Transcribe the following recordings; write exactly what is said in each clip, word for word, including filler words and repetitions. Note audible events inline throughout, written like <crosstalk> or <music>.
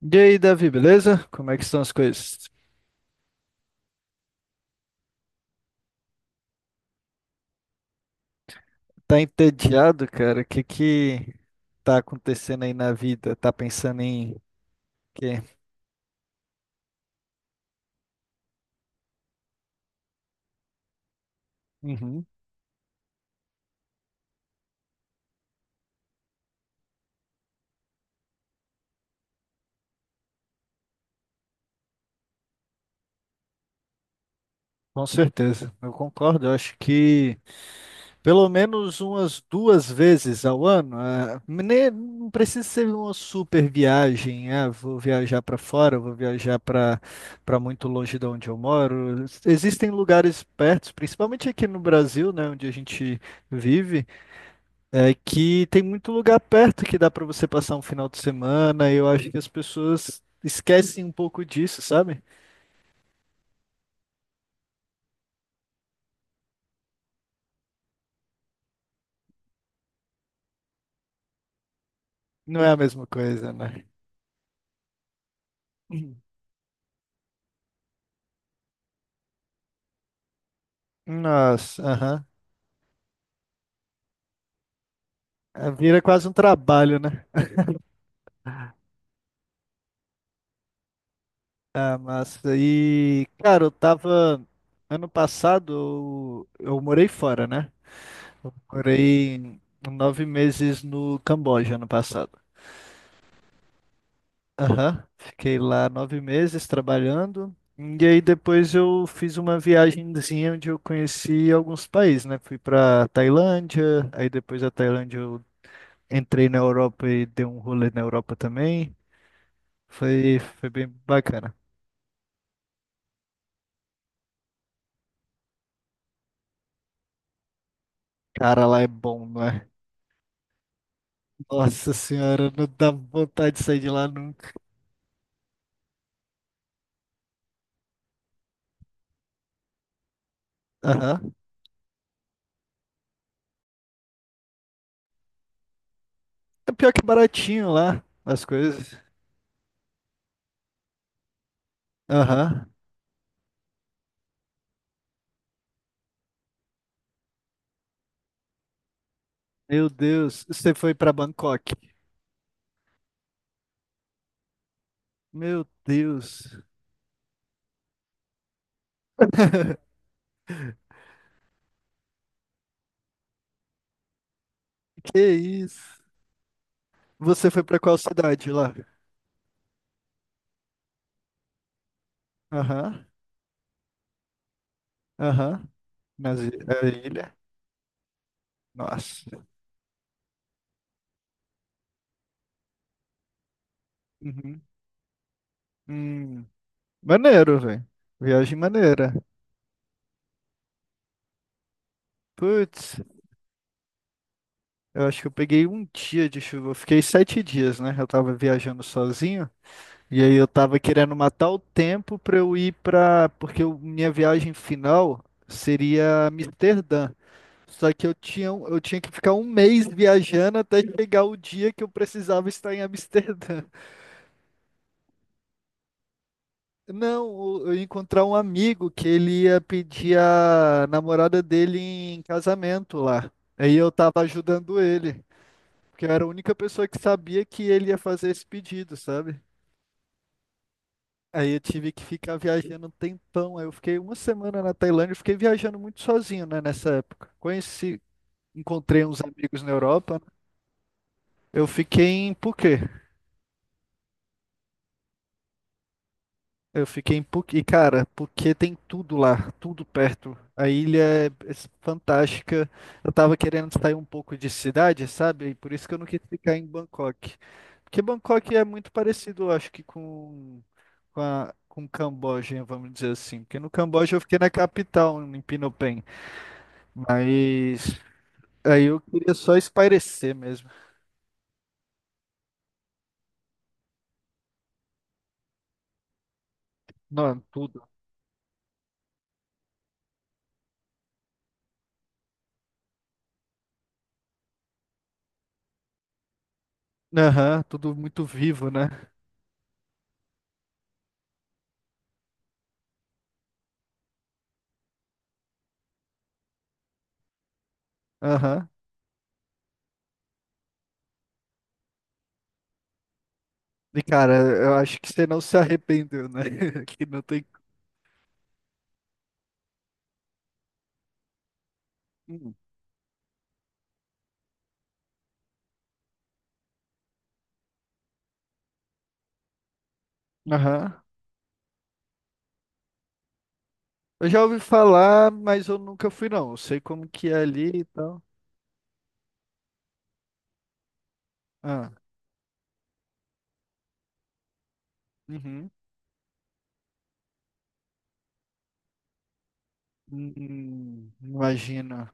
E aí, Davi, beleza? Como é que estão as coisas? Tá entediado, cara? O que que tá acontecendo aí na vida? Tá pensando em quê? Uhum, com certeza, eu concordo. Eu acho que pelo menos umas duas vezes ao ano, ah, nem- não precisa ser uma super viagem. Ah, vou viajar para fora, vou viajar para para muito longe de onde eu moro. Existem lugares perto, principalmente aqui no Brasil, né, onde a gente vive. É que tem muito lugar perto que dá pra você passar um final de semana, e eu acho que as pessoas esquecem um pouco disso, sabe? Não é a mesma coisa, né? Uhum. Nossa, aham. É, vira quase um trabalho, né? Ah, massa. E, cara, eu tava. Ano passado eu, eu morei fora, né? Eu morei nove meses no Camboja ano passado. Aham, fiquei lá nove meses trabalhando. E aí depois eu fiz uma viagemzinha onde eu conheci alguns países, né? Fui para Tailândia, aí depois da Tailândia eu entrei na Europa e dei um rolê na Europa também. Foi, foi bem bacana. Cara, lá é bom, não é? Nossa senhora, não dá vontade de sair de lá nunca. Aham. É pior que baratinho lá, as coisas. Aham. Meu Deus, você foi para Bangkok. Meu Deus. <laughs> Que isso? Você foi pra qual cidade lá? Aham, aham. Mas a ilha? Nossa. Uhum. Hum, maneiro, velho. Viagem maneira. Putz, eu acho que eu peguei um dia de chuva. Eu fiquei sete dias, né? Eu tava viajando sozinho. E aí eu tava querendo matar o tempo pra eu ir pra. Porque eu- minha viagem final seria Amsterdã. Só que eu tinha, um- eu tinha que ficar um mês viajando até chegar o dia que eu precisava estar em Amsterdã. Não, o- eu ia encontrar um amigo que ele ia pedir a namorada dele em casamento lá. Aí eu tava ajudando ele, porque eu era a única pessoa que sabia que ele ia fazer esse pedido, sabe? Aí eu tive que ficar viajando um tempão. Aí eu fiquei uma semana na Tailândia, eu fiquei viajando muito sozinho, né, nessa época. Conheci, encontrei uns amigos na Europa. Eu fiquei em Phuket. Eu fiquei em Phuket, e cara, Phuket tem tudo lá, tudo perto. A ilha é é fantástica. Eu tava querendo sair um pouco de cidade, sabe? E por isso que eu não quis ficar em Bangkok. Porque Bangkok é muito parecido, eu acho que com com a com Camboja, vamos dizer assim. Porque no Camboja eu fiquei na capital, em Phnom Penh. Mas aí eu queria só espairecer mesmo. Não, tudo. Aham, tudo muito vivo, né? Aham. E, cara, eu acho que você não se arrependeu, né? <laughs> Que não tem. Hum. Aham. Eu já ouvi falar, mas eu nunca fui, não. Eu sei como que é ali e tal. Ah. Uhum. Hum, imagina.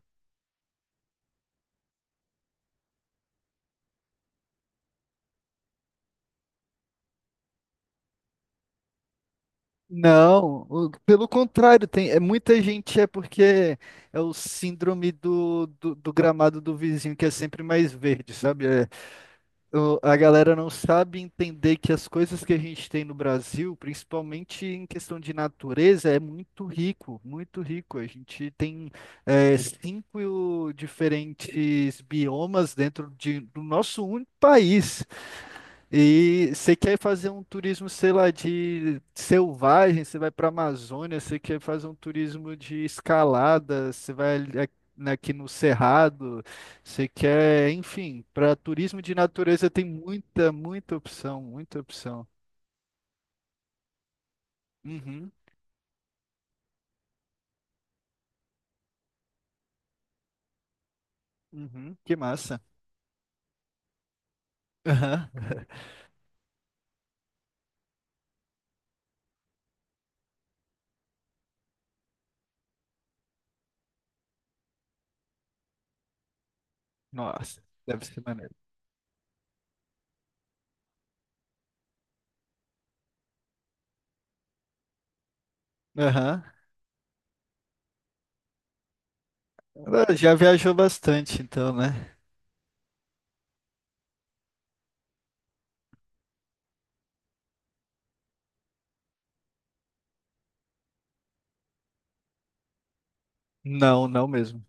Não, o- pelo contrário, tem, é, muita gente é porque é o síndrome do, do, do gramado do vizinho que é sempre mais verde, sabe? É, o- a galera não sabe entender que as coisas que a gente tem no Brasil, principalmente em questão de natureza, é muito rico, muito rico. A gente tem é, cinco diferentes biomas dentro de, do nosso único país. E você quer fazer um turismo, sei lá, de selvagem, você vai para a Amazônia, você quer fazer um turismo de escalada, você vai ali- aqui aqui no Cerrado, você quer, enfim, para turismo de natureza tem muita, muita opção, muita opção. Uhum, uhum, que massa. Aham. <laughs> Nossa, deve ser maneiro. Aham. Ah, já viajou bastante, então, né? Não, não mesmo.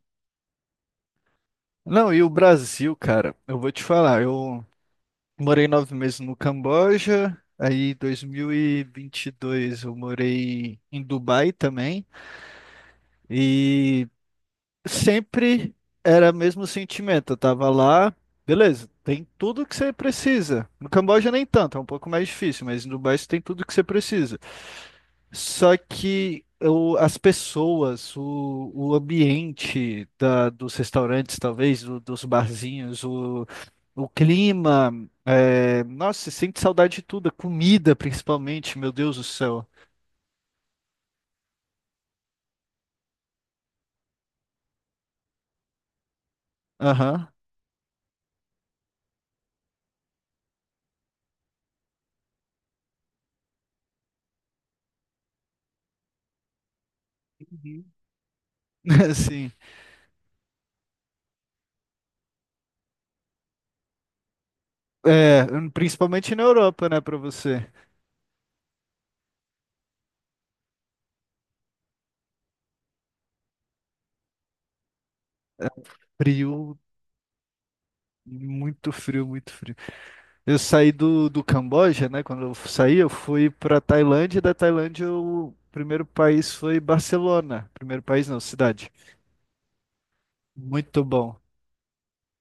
Não, e o Brasil, cara, eu vou te falar, eu morei nove meses no Camboja, aí em dois mil e vinte e dois eu morei em Dubai também, e sempre era o mesmo sentimento. Eu tava lá, beleza, tem tudo que você precisa. No Camboja nem tanto, é um pouco mais difícil, mas em Dubai você tem tudo que você precisa. Só que o- as pessoas, o, o ambiente da, dos restaurantes, talvez, do- dos barzinhos, o, o clima, é, nossa, você sente saudade de tudo, a comida principalmente, meu Deus do céu. Aham, uhum. <laughs> Sim. É, principalmente na Europa, né, pra você. Frio, muito frio, muito frio. Eu saí do, do Camboja, né? Quando eu saí, eu fui para Tailândia, e da Tailândia, o primeiro país foi Barcelona. Primeiro país, não, cidade. Muito bom,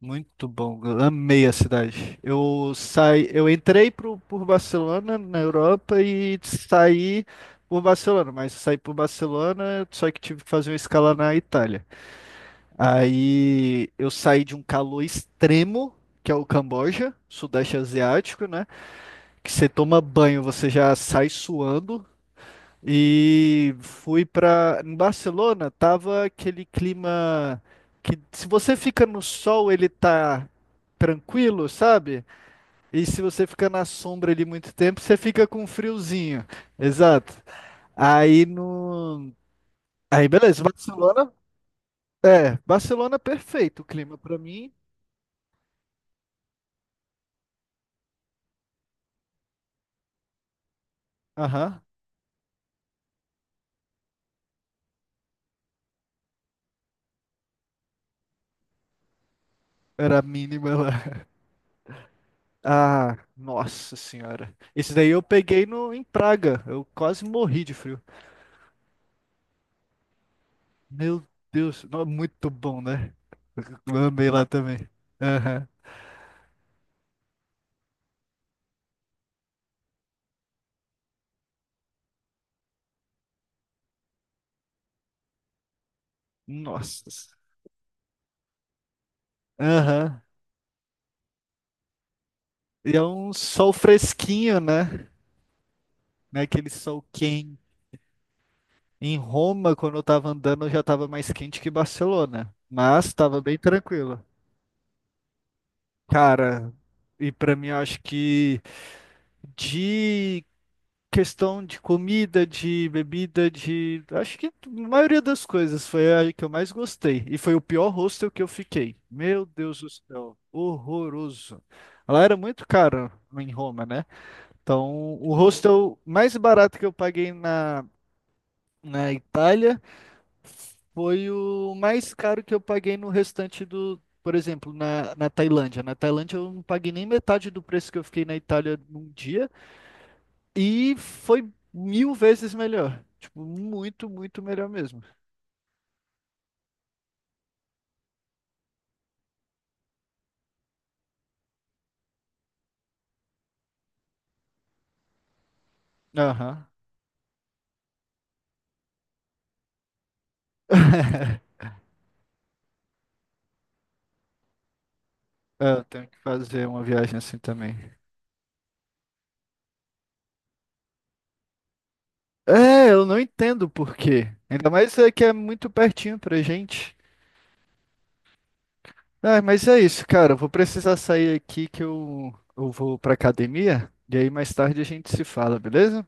muito bom. Eu amei a cidade. Eu saí, eu entrei pro, por Barcelona na Europa e saí por Barcelona, mas saí por Barcelona, só que tive que fazer uma escala na Itália. Aí eu saí de um calor extremo, que é o Camboja, Sudeste Asiático, né? que você toma banho, você já sai suando. E fui pra. Em Barcelona, tava aquele clima que se você fica no sol, ele tá tranquilo, sabe? E se você fica na sombra ali muito tempo, você fica com um friozinho. Exato. Aí no. Aí beleza, Barcelona. É, Barcelona é perfeito o clima pra mim. Aham. Era a mínima lá. Ah, nossa senhora. Esse daí eu peguei no, em Praga. Eu quase morri de frio. Meu Deus, não, é muito bom, né? Eu amei lá também. Aham. Nossa. Aham. E é um sol fresquinho, né? Não é aquele sol quente. Em Roma, quando eu tava andando, já tava mais quente que Barcelona. Mas tava bem tranquilo. Cara, e pra mim eu acho que de questão de comida, de bebida, de. Acho que a maioria das coisas foi a que eu mais gostei. E foi o pior hostel que eu fiquei. Meu Deus do céu, horroroso. Lá era muito caro em Roma, né? Então, o hostel mais barato que eu paguei na, na Itália foi o mais caro que eu paguei no restante do. Por exemplo, na, na Tailândia. Na Tailândia eu não paguei nem metade do preço que eu fiquei na Itália num dia. E foi mil vezes melhor. Tipo, muito, muito melhor mesmo. Aham. <laughs> É, eu tenho que fazer uma viagem assim também. É, eu não entendo por quê. Ainda mais é que é muito pertinho pra gente. Ah, mas é isso, cara. Eu vou precisar sair aqui que eu, eu vou pra academia. E aí mais tarde a gente se fala, beleza?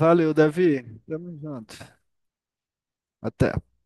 Valeu, Davi. Tamo junto. Até.